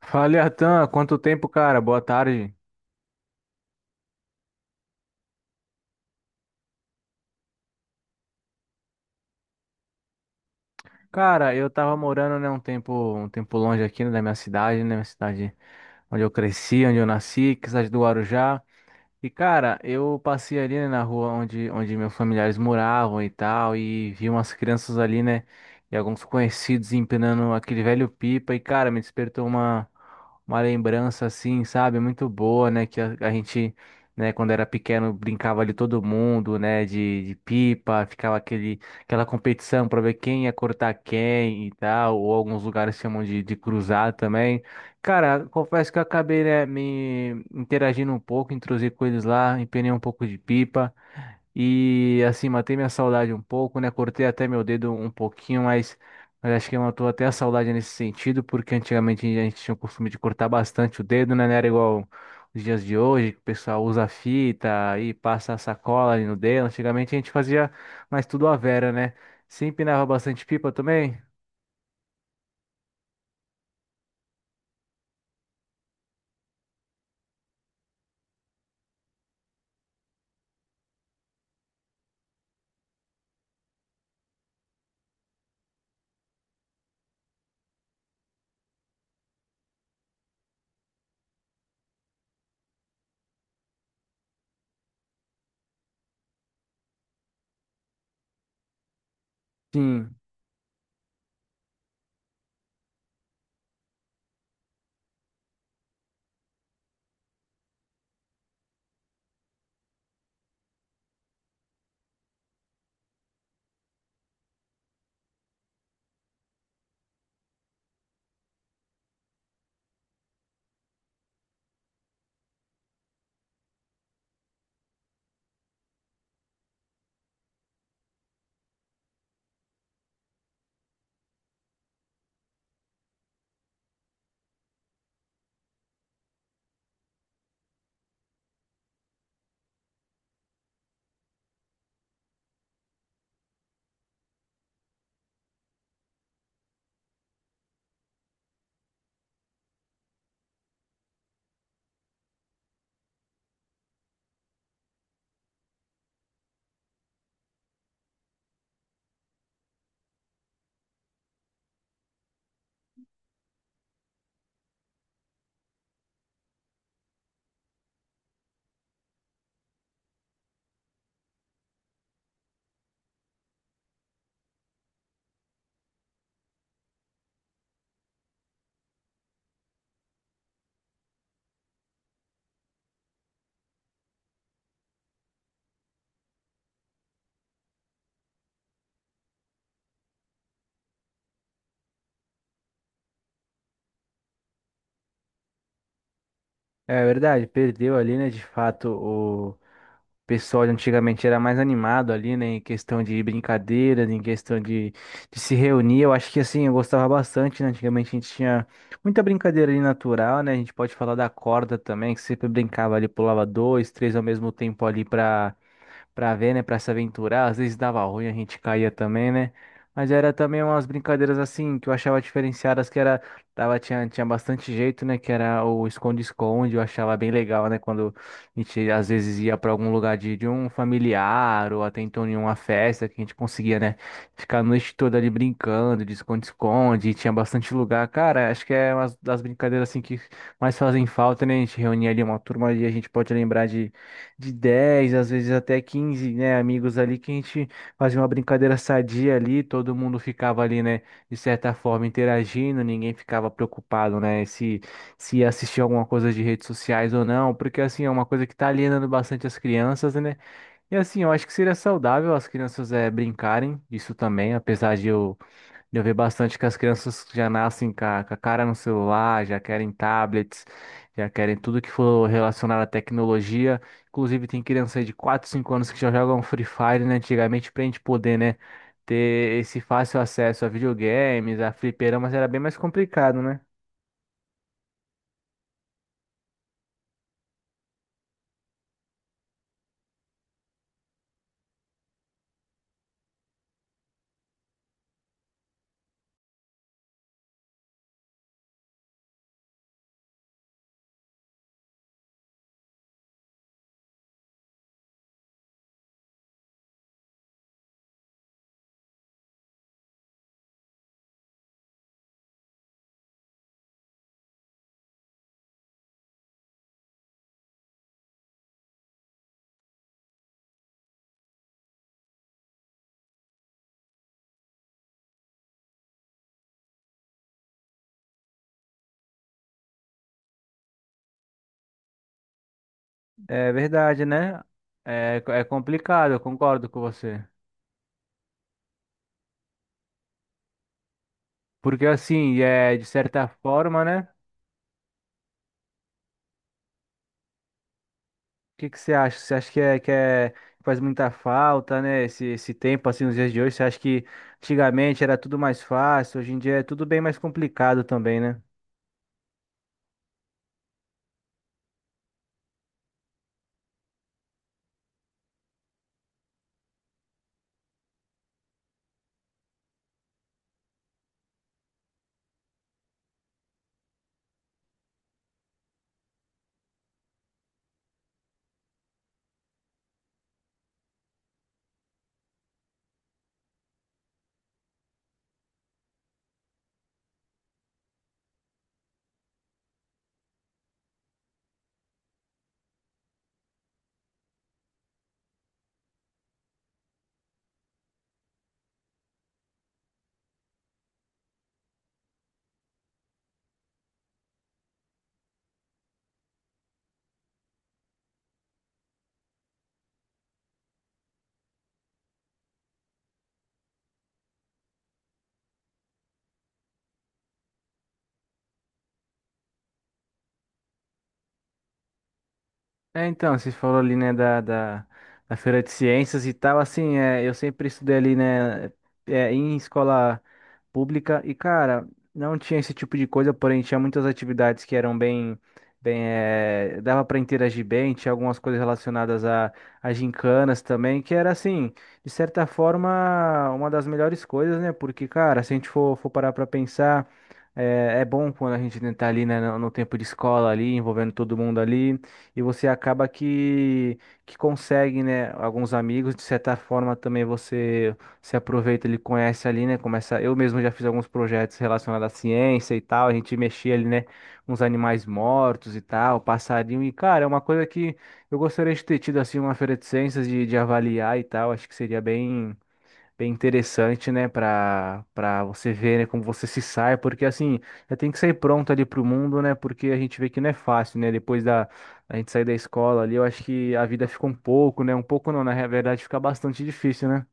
Fala, Atan, quanto tempo, cara? Boa tarde. Cara, eu tava morando, né, um tempo longe aqui, né, da minha cidade, né, minha cidade onde eu cresci, onde eu nasci, que é a cidade do Guarujá. E cara, eu passei ali, né, na rua onde meus familiares moravam e tal, e vi umas crianças ali, né, e alguns conhecidos empinando aquele velho pipa, e cara, me despertou uma lembrança assim, sabe, muito boa, né, que a gente, né, quando era pequeno brincava ali todo mundo, né, de pipa, ficava aquele, aquela competição pra ver quem ia cortar quem e tal, ou alguns lugares chamam de cruzar também. Cara, confesso que eu acabei, né, me interagindo um pouco, intrusei com eles lá, empenei um pouco de pipa e assim matei minha saudade um pouco, né? Cortei até meu dedo um pouquinho, mas acho que matou até a saudade nesse sentido, porque antigamente a gente tinha o costume de cortar bastante o dedo, né? Não era igual os dias de hoje, que o pessoal usa fita e passa a sacola ali no dedo. Antigamente a gente fazia mais tudo à vera, né? Você empinava bastante pipa também? Sim, é verdade, perdeu ali, né, de fato. O pessoal de antigamente era mais animado ali, né? Em questão de brincadeiras, em questão de se reunir. Eu acho que assim, eu gostava bastante, né? Antigamente a gente tinha muita brincadeira ali natural, né? A gente pode falar da corda também, que sempre brincava ali, pulava dois, três ao mesmo tempo ali pra para ver, né, para se aventurar. Às vezes dava ruim, a gente caía também, né? Mas era também umas brincadeiras assim que eu achava diferenciadas, que era tinha bastante jeito, né, que era o esconde-esconde, eu achava bem legal, né, quando a gente às vezes ia para algum lugar de um familiar ou até então em uma festa que a gente conseguia, né, ficar a noite toda ali brincando de esconde-esconde, e tinha bastante lugar. Cara, acho que é uma das brincadeiras assim que mais fazem falta, né? A gente reunia ali uma turma e a gente pode lembrar de 10 às vezes até 15, né, amigos ali que a gente fazia uma brincadeira sadia ali, todo mundo ficava ali, né, de certa forma interagindo, ninguém ficava preocupado, né, se ia assistir alguma coisa de redes sociais ou não, porque assim é uma coisa que tá alienando bastante as crianças, né? E assim, eu acho que seria saudável as crianças é, brincarem disso também, apesar de eu vejo bastante que as crianças já nascem com a cara no celular, já querem tablets, já querem tudo que for relacionado à tecnologia. Inclusive, tem criança aí de 4, 5 anos que já jogam Free Fire, né? Antigamente, pra gente poder, né, ter esse fácil acesso a videogames, a fliperamas, era bem mais complicado, né? É verdade, né? É, é complicado, eu concordo com você. Porque assim, é, de certa forma, né? O que que você acha? Você acha que é, que faz muita falta, né? Esse tempo, assim, nos dias de hoje. Você acha que antigamente era tudo mais fácil, hoje em dia é tudo bem mais complicado também, né? É, então, você falou ali, né, da Feira de Ciências e tal, assim, é, eu sempre estudei ali, né, é, em escola pública e, cara, não tinha esse tipo de coisa, porém tinha muitas atividades que eram bem, é, dava para interagir bem, tinha algumas coisas relacionadas a gincanas também, que era, assim, de certa forma, uma das melhores coisas, né, porque, cara, se a gente for parar pra pensar, é, é bom quando a gente tá ali, né, no tempo de escola ali, envolvendo todo mundo ali, e você acaba que consegue, né, alguns amigos, de certa forma também você se aproveita, ele conhece ali, né, começa, eu mesmo já fiz alguns projetos relacionados à ciência e tal, a gente mexia ali, né, uns animais mortos e tal, passarinho, e cara, é uma coisa que eu gostaria de ter tido, assim, uma feira de ciências, de avaliar e tal, acho que seria bem bem interessante, né, para você ver, né, como você se sai, porque assim, já tem que sair pronto ali pro mundo, né? Porque a gente vê que não é fácil, né? Depois da a gente sair da escola ali, eu acho que a vida fica um pouco, né? Um pouco não, na verdade fica bastante difícil, né?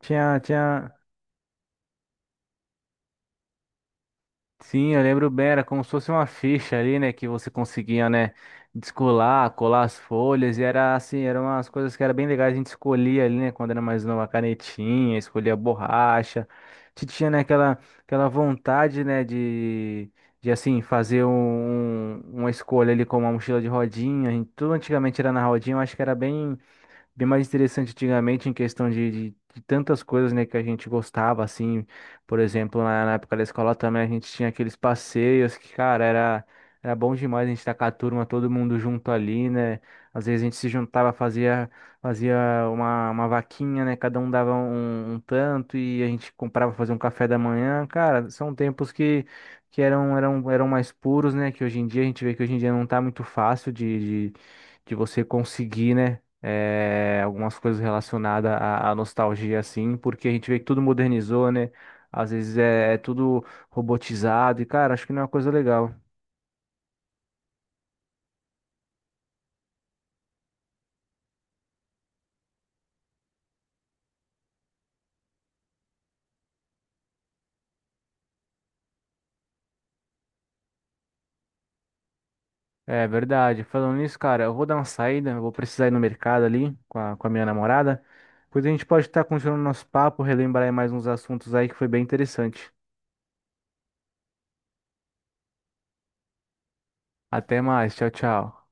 Tinha. Sim, eu lembro bem, era como se fosse uma ficha ali, né, que você conseguia, né, descolar, colar as folhas, e era assim, eram umas coisas que era bem legais, a gente escolhia ali, né, quando era mais nova, a canetinha, escolhia a borracha, a gente tinha, né, aquela, aquela vontade, né, de, de, fazer um, uma escolha ali como uma mochila de rodinha, a gente- tudo antigamente era na rodinha, eu acho que era bem bem mais interessante antigamente em questão de tantas coisas, né, que a gente gostava, assim, por exemplo, na época da escola também a gente tinha aqueles passeios que, cara, era, era bom demais a gente estar com a turma, todo mundo junto ali, né, às vezes a gente se juntava, fazia uma vaquinha, né, cada um dava um tanto e a gente comprava pra fazer um café da manhã, cara, são tempos que eram, eram, eram mais puros, né? Que hoje em dia a gente vê que hoje em dia não tá muito fácil de você conseguir, né? Algumas coisas relacionadas à, à nostalgia, assim, porque a gente vê que tudo modernizou, né? Às vezes é tudo robotizado e, cara, acho que não é uma coisa legal. É verdade. Falando nisso, cara, eu vou dar uma saída, eu vou precisar ir no mercado ali com a minha namorada. Depois a gente pode estar continuando nosso papo, relembrar aí mais uns assuntos aí que foi bem interessante. Até mais, tchau, tchau.